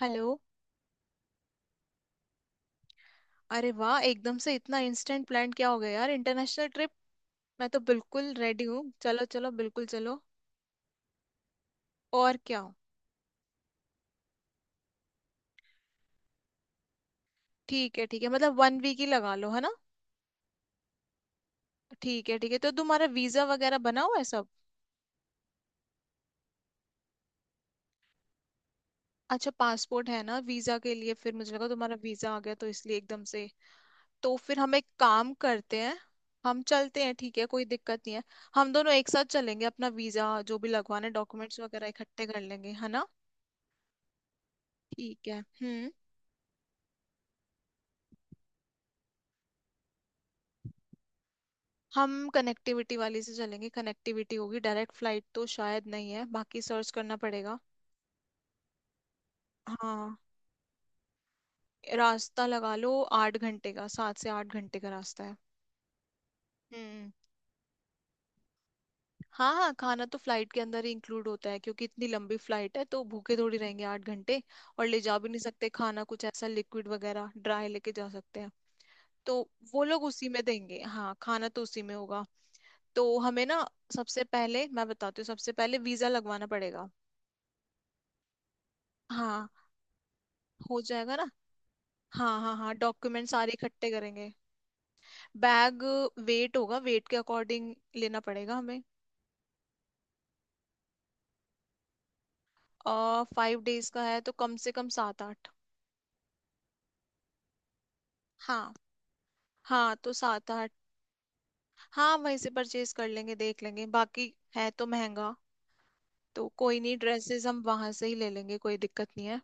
Hello. अरे वाह, एकदम से इतना इंस्टेंट प्लान क्या हो गया यार, इंटरनेशनल ट्रिप। मैं तो बिल्कुल रेडी हूँ, चलो चलो बिल्कुल चलो। और क्या हो। ठीक है ठीक है, मतलब 1 वीक ही लगा लो, है ना। ठीक है ठीक है, तो तुम्हारा वीजा वगैरह बना हुआ है सब। अच्छा, पासपोर्ट है ना वीजा के लिए, फिर मुझे लगा तुम्हारा वीजा आ गया तो इसलिए एकदम से। तो फिर हम एक काम करते हैं, हम चलते हैं, ठीक है, कोई दिक्कत नहीं है। हम दोनों एक साथ चलेंगे, अपना वीजा जो भी लगवाना है, डॉक्यूमेंट्स वगैरह इकट्ठे कर लेंगे, है ना। ठीक है। हम्म। हम कनेक्टिविटी वाली से चलेंगे, कनेक्टिविटी होगी, डायरेक्ट फ्लाइट तो शायद नहीं है, बाकी सर्च करना पड़ेगा। हाँ, रास्ता लगा लो 8 घंटे का, 7 से 8 घंटे का रास्ता है। हम्म। हाँ हाँ, खाना तो फ्लाइट के अंदर ही इंक्लूड होता है, क्योंकि इतनी लंबी फ्लाइट है तो भूखे थोड़ी रहेंगे 8 घंटे। और ले जा भी नहीं सकते खाना, कुछ ऐसा लिक्विड वगैरह ड्राई लेके जा सकते हैं। तो वो लोग उसी में देंगे, हाँ, खाना तो उसी में होगा। तो हमें ना सबसे पहले, मैं बताती हूँ, सबसे पहले वीजा लगवाना पड़ेगा। हाँ, हो जाएगा ना। हाँ हाँ हाँ, डॉक्यूमेंट सारे इकट्ठे करेंगे। बैग वेट होगा, वेट के अकॉर्डिंग लेना पड़ेगा हमें। और 5 डेज का है तो कम से कम सात आठ। हाँ हाँ, तो सात आठ। हाँ, वहीं से परचेज कर लेंगे, देख लेंगे, बाकी है तो महंगा। तो कोई नहीं, ड्रेसेस हम वहां से ही ले लेंगे, कोई दिक्कत नहीं है।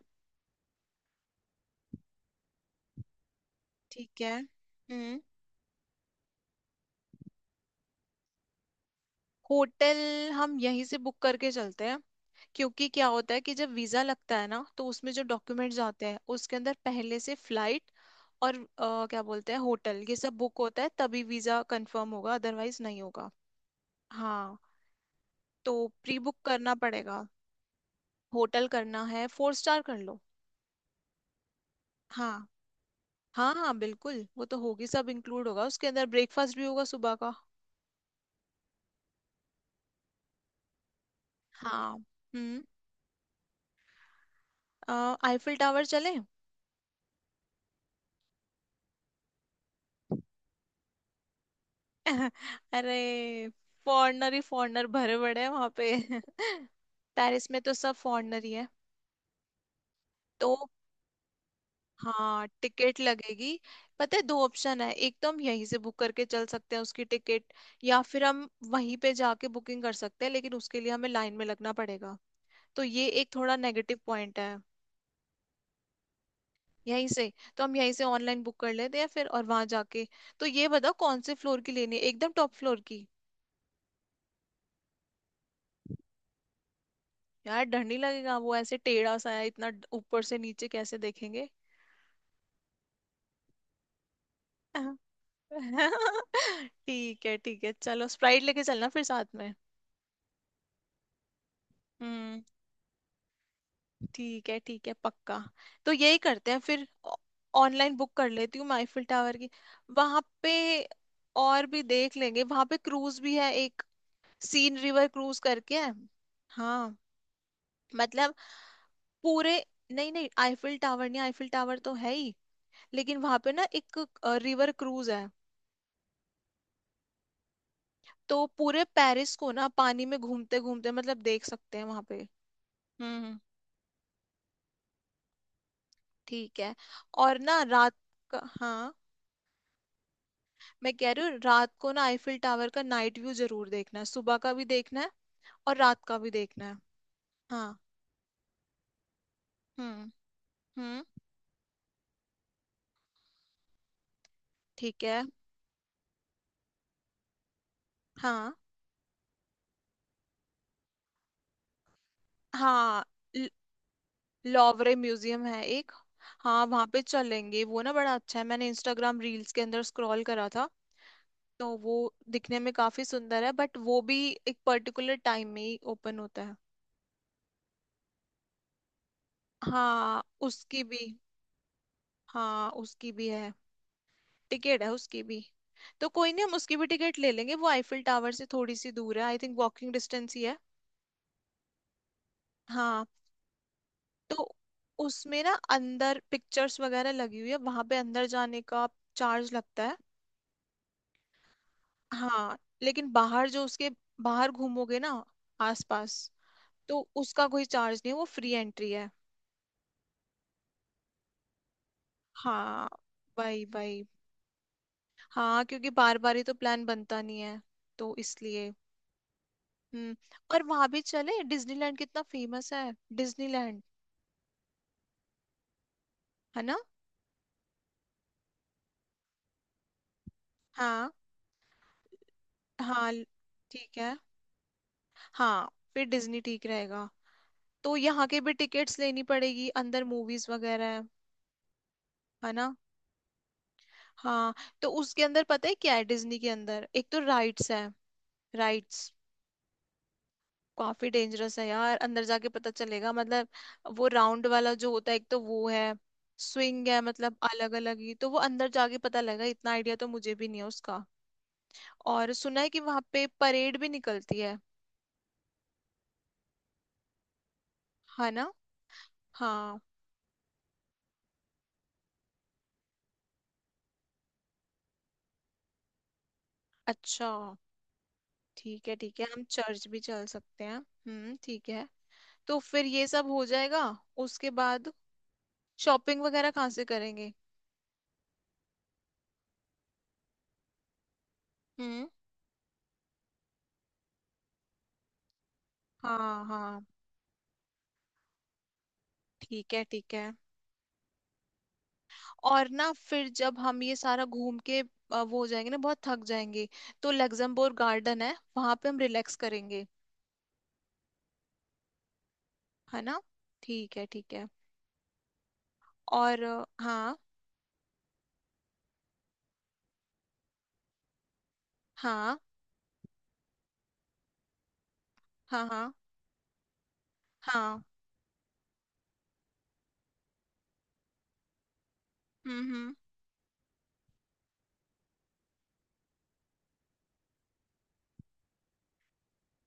ठीक है। हम्म। होटल हम यहीं से बुक करके चलते हैं, क्योंकि क्या होता है कि जब वीजा लगता है ना तो उसमें जो डॉक्यूमेंट्स आते हैं उसके अंदर पहले से फ्लाइट और क्या बोलते हैं होटल, ये सब बुक होता है तभी वीजा कंफर्म होगा, अदरवाइज नहीं होगा। हाँ। तो प्री बुक करना पड़ेगा। होटल करना है, 4 स्टार कर लो। हाँ हाँ हाँ, बिल्कुल वो तो होगी, सब इंक्लूड होगा उसके अंदर, ब्रेकफास्ट भी होगा सुबह का। हाँ। हम्म। आईफिल टावर चले। अरे, फॉरनर ही फॉरनर भरे पड़े हैं वहां पे। पेरिस में तो सब फॉरनर ही है। तो हाँ, टिकट लगेगी। पता है, दो ऑप्शन है, एक तो हम यहीं से बुक करके चल सकते हैं उसकी टिकट, या फिर हम वहीं पे जाके बुकिंग कर सकते हैं, लेकिन उसके लिए हमें लाइन में लगना पड़ेगा। तो ये एक थोड़ा नेगेटिव पॉइंट है। यहीं से, तो हम यहीं से ऑनलाइन बुक कर लेते हैं फिर, और वहां जाके। तो ये बताओ कौन से फ्लोर की लेनी है, एकदम टॉप फ्लोर की। यार डर नहीं लगेगा, वो ऐसे टेढ़ा सा है, इतना ऊपर से नीचे कैसे देखेंगे। ठीक है ठीक है, चलो स्प्राइट लेके चलना फिर साथ में। हम्म। ठीक है ठीक है, पक्का, तो यही करते हैं फिर। ऑनलाइन बुक कर लेती हूँ मैं आईफिल टावर की। वहां पे और भी देख लेंगे, वहां पे क्रूज भी है एक, सीन रिवर क्रूज करके है। हाँ, मतलब पूरे, नहीं नहीं आईफिल टावर नहीं, आईफिल टावर तो है ही, लेकिन वहां पे ना एक रिवर क्रूज है। तो पूरे पेरिस को ना पानी में घूमते घूमते मतलब देख सकते हैं वहां पे। हम्म। ठीक है, और ना रात का, हाँ, मैं कह रही हूँ रात को ना आईफिल टावर का नाइट व्यू जरूर देखना है, सुबह का भी देखना है और रात का भी देखना है। हाँ। हम्म। हम्म। ठीक है। हाँ हाँ, ल- लॉवरे म्यूजियम है एक। हाँ वहाँ पे चलेंगे, वो ना बड़ा अच्छा है, मैंने इंस्टाग्राम रील्स के अंदर स्क्रॉल करा था। तो वो दिखने में काफी सुंदर है, बट वो भी एक पर्टिकुलर टाइम में ही ओपन होता है। हाँ उसकी भी, हाँ उसकी भी है, टिकट है उसकी भी। तो कोई नहीं, हम उसकी भी टिकट ले लेंगे, वो आईफिल टावर से थोड़ी सी दूर है, आई थिंक वॉकिंग डिस्टेंस ही है। हाँ। तो उसमें ना अंदर पिक्चर्स वगैरह लगी हुई है, वहां पे अंदर जाने का चार्ज लगता है। हाँ, लेकिन बाहर जो उसके, बाहर घूमोगे ना आसपास, तो उसका कोई चार्ज नहीं है, वो फ्री एंट्री है। हाँ। वही वही, हाँ क्योंकि बार बार ही तो प्लान बनता नहीं है, तो इसलिए। हम्म। और वहां भी चले, डिज्नीलैंड कितना फेमस है। डिज्नीलैंड। है ना। हाँ हाँ। ठीक है। हाँ फिर डिज्नी ठीक रहेगा। तो यहाँ के भी टिकट्स लेनी पड़ेगी, अंदर मूवीज वगैरह है। है ना। हाँ। तो उसके अंदर पता है क्या है, डिज्नी के अंदर एक तो राइड्स है। राइड्स। काफी डेंजरस है यार, अंदर जाके पता चलेगा, मतलब वो राउंड वाला जो होता है एक, तो वो है, स्विंग है, मतलब अलग अलग, ही तो वो अंदर जाके पता लगेगा, इतना आइडिया तो मुझे भी नहीं है उसका। और सुना है कि वहां पे परेड भी निकलती है। है ना। हाँ। अच्छा, ठीक है ठीक है, हम चर्च भी चल सकते हैं, हम्म, ठीक है। तो फिर ये सब हो जाएगा, उसके बाद शॉपिंग वगैरह कहाँ से करेंगे। हम्म। हाँ हाँ, ठीक है ठीक है। और ना फिर जब हम ये सारा घूम के वो हो जाएंगे ना, बहुत थक जाएंगे, तो लग्जमबर्ग गार्डन है वहां पे, हम रिलैक्स करेंगे। है ना। ठीक है ठीक है। और हाँ। हाँ हाँ हाँ। हाँ। हम्म। हम्म।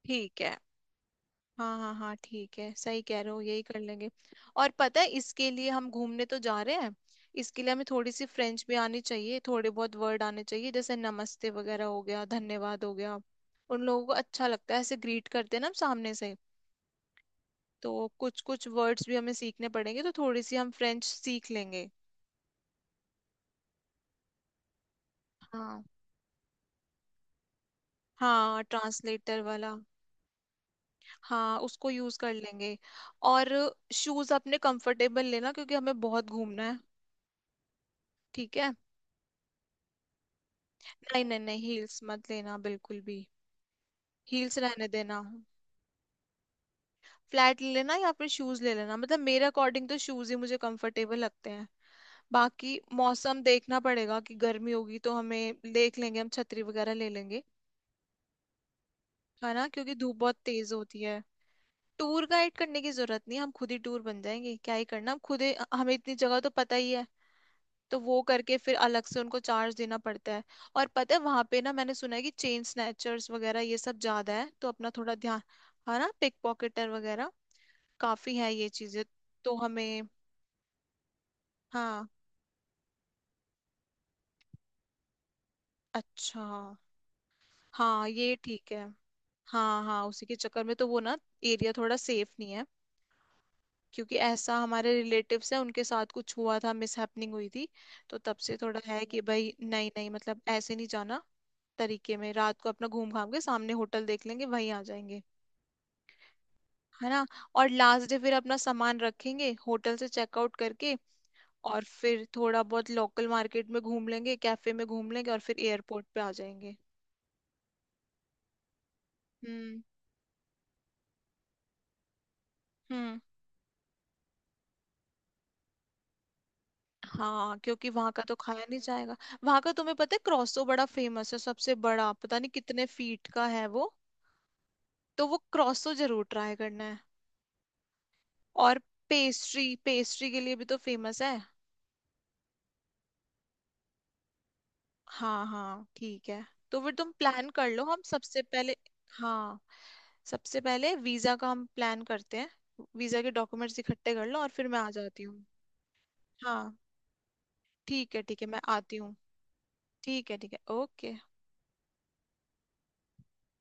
ठीक है। हाँ हाँ हाँ, ठीक है, सही कह रहे हो, यही कर लेंगे। और पता है, इसके लिए, हम घूमने तो जा रहे हैं, इसके लिए हमें थोड़ी सी फ्रेंच भी आनी चाहिए, थोड़े बहुत वर्ड आने चाहिए, जैसे नमस्ते वगैरह हो गया, धन्यवाद हो गया, उन लोगों को अच्छा लगता है ऐसे ग्रीट करते हैं ना हम सामने से। तो कुछ कुछ वर्ड्स भी हमें सीखने पड़ेंगे, तो थोड़ी सी हम फ्रेंच सीख लेंगे। हाँ। हाँ ट्रांसलेटर वाला। हाँ, उसको यूज कर लेंगे। और शूज अपने कंफर्टेबल लेना, क्योंकि हमें बहुत घूमना है। ठीक है। नहीं नहीं नहीं, हील्स मत लेना बिल्कुल भी। हील्स रहने देना। फ्लैट ले लेना या फिर शूज ले लेना, मतलब मेरे अकॉर्डिंग तो शूज ही मुझे कंफर्टेबल लगते हैं। बाकी मौसम देखना पड़ेगा, कि गर्मी होगी तो हमें देख लेंगे, हम छतरी वगैरह ले लेंगे। है ना, क्योंकि धूप बहुत तेज होती है। टूर गाइड करने की जरूरत नहीं, हम खुद ही टूर बन जाएंगे, क्या ही करना, हम खुद ही, हमें इतनी जगह तो पता ही है। तो वो करके फिर अलग से उनको चार्ज देना पड़ता है। और पता है वहां पे ना, मैंने सुना है कि चेन स्नैचर्स वगैरह ये सब ज्यादा है, तो अपना थोड़ा ध्यान। है ना, पिक पॉकेटर वगैरह काफी है ये चीजें। तो हमें, हाँ, अच्छा, हाँ ये ठीक है। हाँ हाँ, उसी के चक्कर में तो वो ना एरिया थोड़ा सेफ नहीं है। क्योंकि ऐसा हमारे रिलेटिव्स हैं, उनके साथ कुछ हुआ था, मिसहैपनिंग हुई थी, तो तब से थोड़ा है कि भाई नहीं नहीं, मतलब ऐसे नहीं जाना तरीके में। रात को अपना घूम घाम के सामने होटल देख लेंगे, वहीं आ जाएंगे। है ना। और लास्ट डे फिर अपना सामान रखेंगे होटल से चेकआउट करके, और फिर थोड़ा बहुत लोकल मार्केट में घूम लेंगे, कैफे में घूम लेंगे, और फिर एयरपोर्ट पे आ जाएंगे। हम्म। हम्म। हाँ, क्योंकि वहां का तो खाया नहीं जाएगा। वहां का, तुम्हें पता है क्रॉसो बड़ा फेमस है, सबसे बड़ा, पता नहीं कितने फीट का है वो। तो वो क्रॉसो जरूर ट्राई करना है। और पेस्ट्री, पेस्ट्री के लिए भी तो फेमस है। हाँ हाँ ठीक है। तो फिर तुम प्लान कर लो, हम सबसे पहले, हाँ, सबसे पहले वीजा का हम प्लान करते हैं। वीजा के डॉक्यूमेंट्स इकट्ठे कर लो और फिर मैं आ जाती हूँ। हाँ ठीक है ठीक है, मैं आती हूँ। ठीक है ठीक है, ओके।